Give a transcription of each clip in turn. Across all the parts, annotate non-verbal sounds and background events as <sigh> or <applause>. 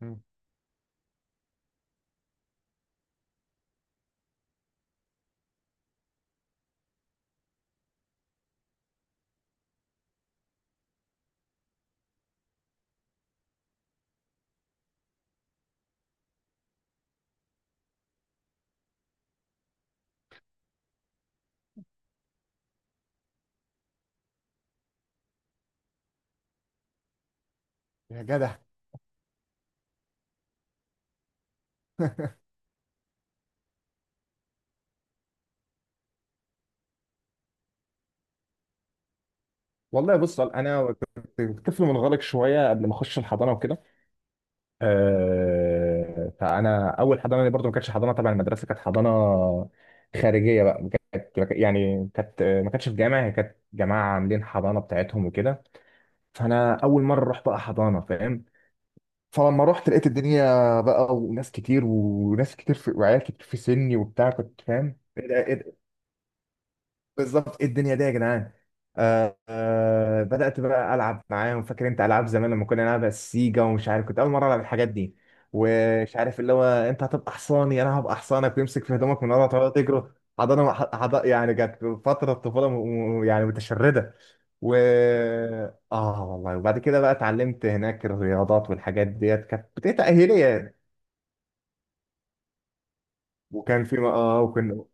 مم. يا جدع. <laughs> والله بص، انا كنت طفل منغلق شويه قبل ما اخش الحضانه وكده. فانا اول حضانه لي برضو ما كانتش حضانه تبع المدرسه، كانت حضانه خارجيه بقى. كانت ما كانتش في جامعه، هي كانت جماعه عاملين حضانه بتاعتهم وكده. فانا اول مره اروح بقى حضانه، فاهم؟ فلما رحت لقيت الدنيا بقى، وناس كتير وناس كتير، في وعيال كتير في سني وبتاع، كنت فاهم ايه ده، ايه؟ بالظبط، ايه الدنيا دي يا جدعان؟ آه، آه، بدأت بقى ألعب معاهم. فاكر انت ألعاب زمان لما كنا نلعب السيجا ومش عارف؟ كنت أول مرة ألعب الحاجات دي، ومش عارف، اللي هو انت هتبقى حصاني انا هبقى حصانك، ويمسك في هدومك من ورا تقعد تجري. حضانه، يعني كانت فتره طفوله، يعني متشرده. و اه والله. وبعد كده بقى اتعلمت هناك الرياضات والحاجات ديت، كانت بتتأهيلية. وكان في وكنا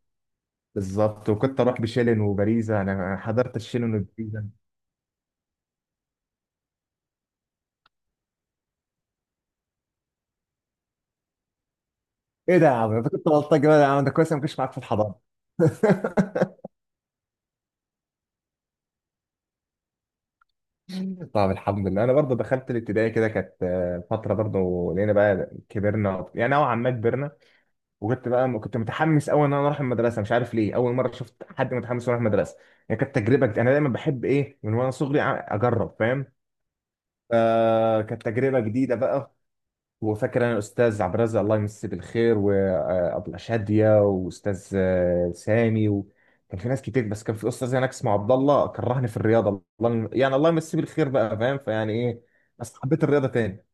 بالظبط. وكنت اروح بشيلن وباريزا، انا حضرت الشيلن وباريزا. ايه ده يا عم، انت كنت بلطجي بقى يا عم؟ ده كويس أنا ما كنتش معاك في الحضانه. <laughs> طب الحمد لله، انا برضه دخلت الابتدائي كده، كانت فتره برضه. لقينا بقى كبرنا، يعني نوعا ما كبرنا. وكنت بقى كنت متحمس قوي ان انا اروح المدرسه، مش عارف ليه، اول مره شفت حد متحمس يروح المدرسه. يعني كانت تجربه جديدة. انا دايما بحب ايه، من وانا صغري اجرب، فاهم؟ كانت تجربه جديده بقى. وفاكر انا الاستاذ عبد الرزاق الله يمسيه بالخير، وابله شاديه، واستاذ سامي، وكان في ناس كتير، بس كان في استاذ هناك اسمه عبد الله كرهني في الرياضه، الله، يعني الله يمسيه بالخير بقى، فاهم؟ فيعني ايه، بس حبيت الرياضه تاني.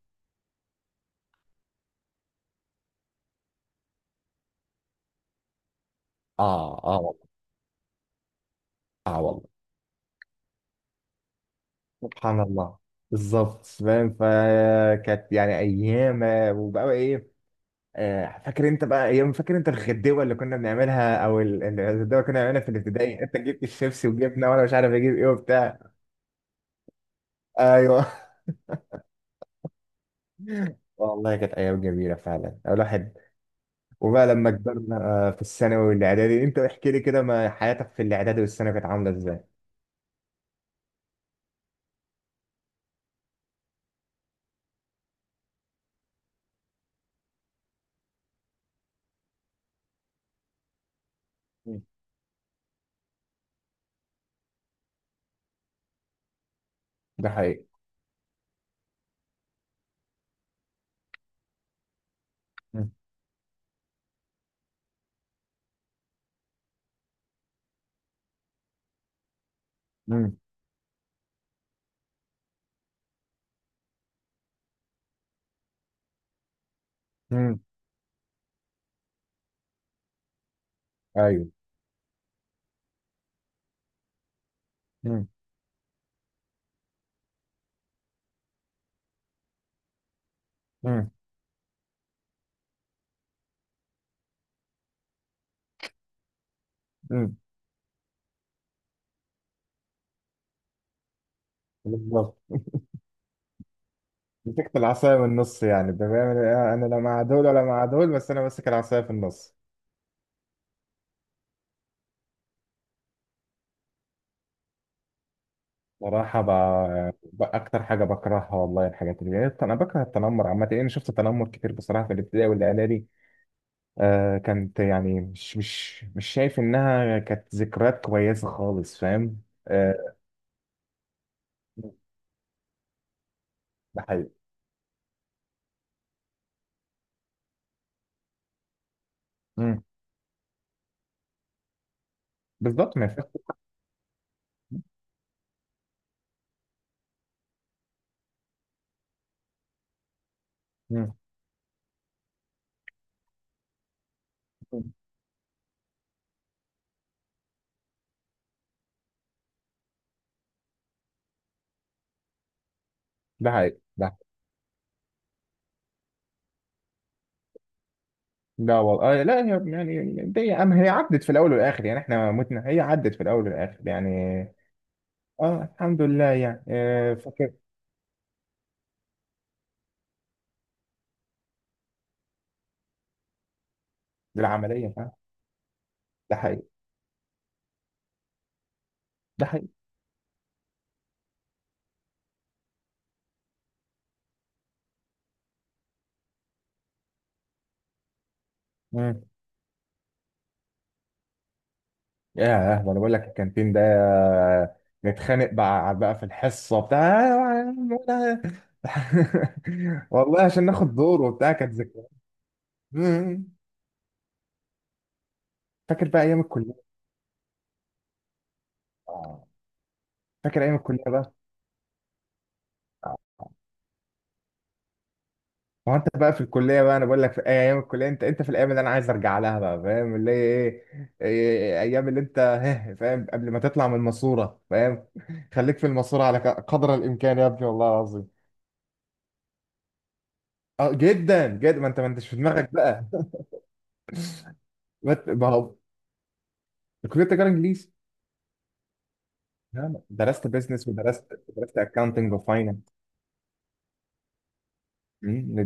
اه، اه، والله. اه والله. سبحان الله. بالظبط، فاهم. فكانت يعني ايام، وبقى ايه. آه، فاكر انت بقى ايام، فاكر انت الغدوه اللي كنا بنعملها، او الغدوه اللي كنا بنعملها في الابتدائي، انت جبت الشيبسي وجبنا، وانا مش عارف اجيب ايه وبتاع. ايوه والله، كانت ايام جميله فعلا الواحد. وبقى لما كبرنا، آه، في الثانوي والاعدادي، انت احكي لي كده ما حياتك في الاعدادي والثانوي كانت عامله ازاي؟ مم. ده حقيقي. مم. مم. مم. ايوه. مم. مم. مم. بالظبط، مسكت العصايه من النص. يعني ده بيعمل إيه؟ انا لا مع دول ولا مع دول، بس انا ماسك العصايه في النص. صراحة بقى أكتر حاجة بكرهها والله، الحاجات اللي أنا بكره، التنمر عامة. يعني شفت تنمر كتير بصراحة في الابتدائي والإعدادي. كانت يعني مش شايف انها كانت ذكريات كويسه خالص، فاهم؟ آه. ده حقيقي. مم. بالظبط، ما فيهاش. مم. ده حقيقي، ده حقيقي. لا والله، لا، هي يعني دي أم، هي عدت في الاول والاخر، يعني احنا متنا، هي عدت في الاول والاخر يعني. اه الحمد لله يعني، فاكر العمليه، فاهم؟ ده حقيقي، ده حقيقي. ياه، ده انا بقول لك الكانتين ده، نتخانق بقى في الحصه بتاع. <laughs> والله عشان ناخد دور وبتاع، كانت ذكرى. <laughs> مم. فاكر بقى ايام الكليه؟ آه. فاكر ايام الكليه بقى. آه. ما هو انت بقى في الكليه بقى، انا بقول لك في ايام الكليه، انت في الايام اللي انا عايز ارجع لها بقى، فاهم؟ اللي هي ايه؟ ايام اللي انت <laughs> هه، فاهم؟ قبل ما تطلع من الماسوره، فاهم؟ <laughs> خليك في الماسوره على قدر الامكان يا ابني، والله العظيم. اه جدا جدا، ما انتش في دماغك بقى. ما هو كلية تجارة إنجليزي. نعم. درست بيزنس، ودرست أكاونتنج وفاينانس.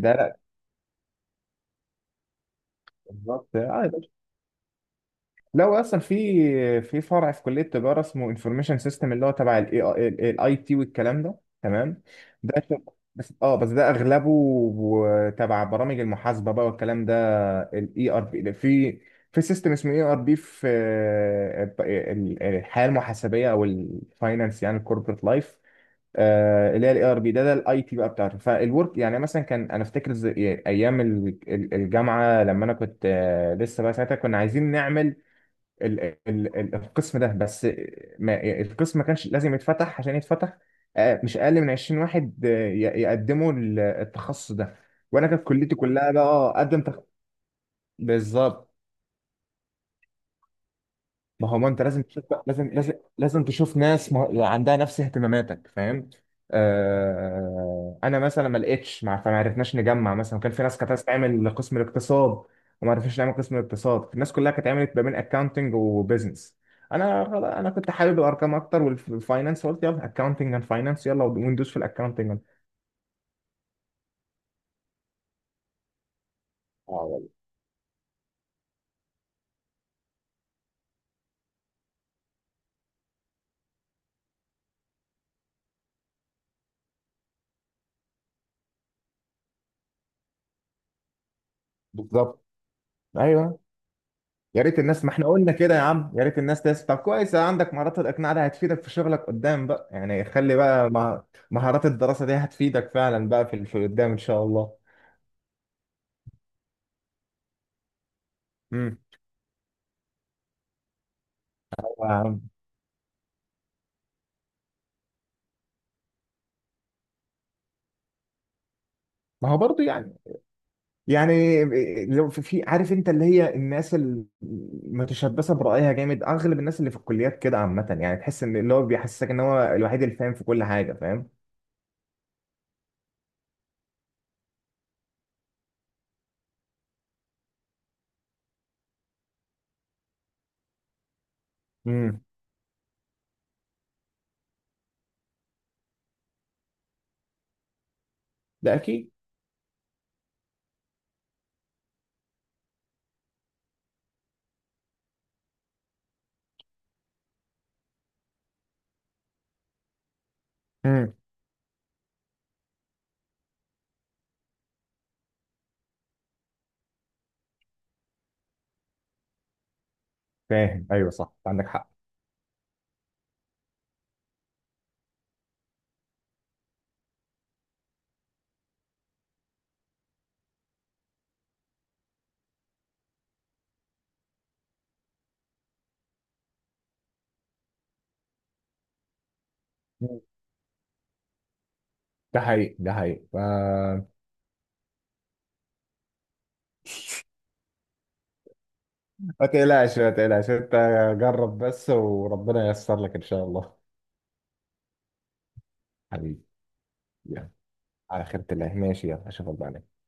ده لا. بالظبط، يا باشا. لو أصلا في فرع في كلية تجارة اسمه انفورميشن سيستم، اللي هو تبع الاي تي والكلام ده. تمام. ده شغل- بس، بس ده اغلبه، تبع برامج المحاسبه بقى والكلام ده. الاي ار بي. في في سيستم اسمه اي ار بي، في الحياه المحاسبيه او الفاينانس، يعني الكوربريت لايف. آه، اللي هي الاي ار بي ده الاي تي بقى بتاعته فالورك. يعني مثلا كان انا افتكر ايام الجامعه لما انا كنت لسه بقى ساعتها، كنا عايزين نعمل ال ال ال القسم ده، بس ما القسم ما كانش لازم يتفتح. عشان يتفتح مش اقل من 20 واحد يقدموا التخصص ده. وانا كانت كليتي كلها بقى، قدم بالظبط. ما هو ما انت لازم تشوف، لازم تشوف ناس عندها نفس اهتماماتك، فاهم؟ انا مثلا ما لقيتش، ما فما عرفناش نجمع. مثلا كان في ناس كانت عايزه تعمل قسم الاقتصاد، وما عرفناش نعمل قسم الاقتصاد. الناس كلها كانت عملت ما بين اكاونتنج وبزنس. انا كنت حابب الارقام اكتر والفاينانس، قلت يلا اكاونتنج اند فاينانس، يلا وندوس في الاكاونتنج. اه والله. بالظبط. ايوه. يا ريت الناس، ما احنا قلنا كده يا عم، يا ريت الناس تسمع. طب كويس، عندك مهارات الاقناع، ده هتفيدك في شغلك قدام بقى، يعني خلي بقى مهارات الدراسه دي هتفيدك فعلا بقى في قدام ان شاء الله. امم. ما هو برضو يعني، يعني لو في عارف انت اللي هي الناس المتشبثه برأيها جامد، اغلب الناس اللي في الكليات كده عامه، يعني تحس ان اللي هو بيحسسك ان هو الوحيد اللي فاهم في كل حاجه، فاهم؟ امم. ده اكيد. امم. فاهم، ايوه صح، عندك حق. مم. ده حقيقي، ده حقيقي. ما تقلقش ما تقلقش انت، جرب بس وربنا ييسر لك ان شاء الله. حبيبي. يلا. على خيرة الله، ماشي، يلا اشوفك بعدين.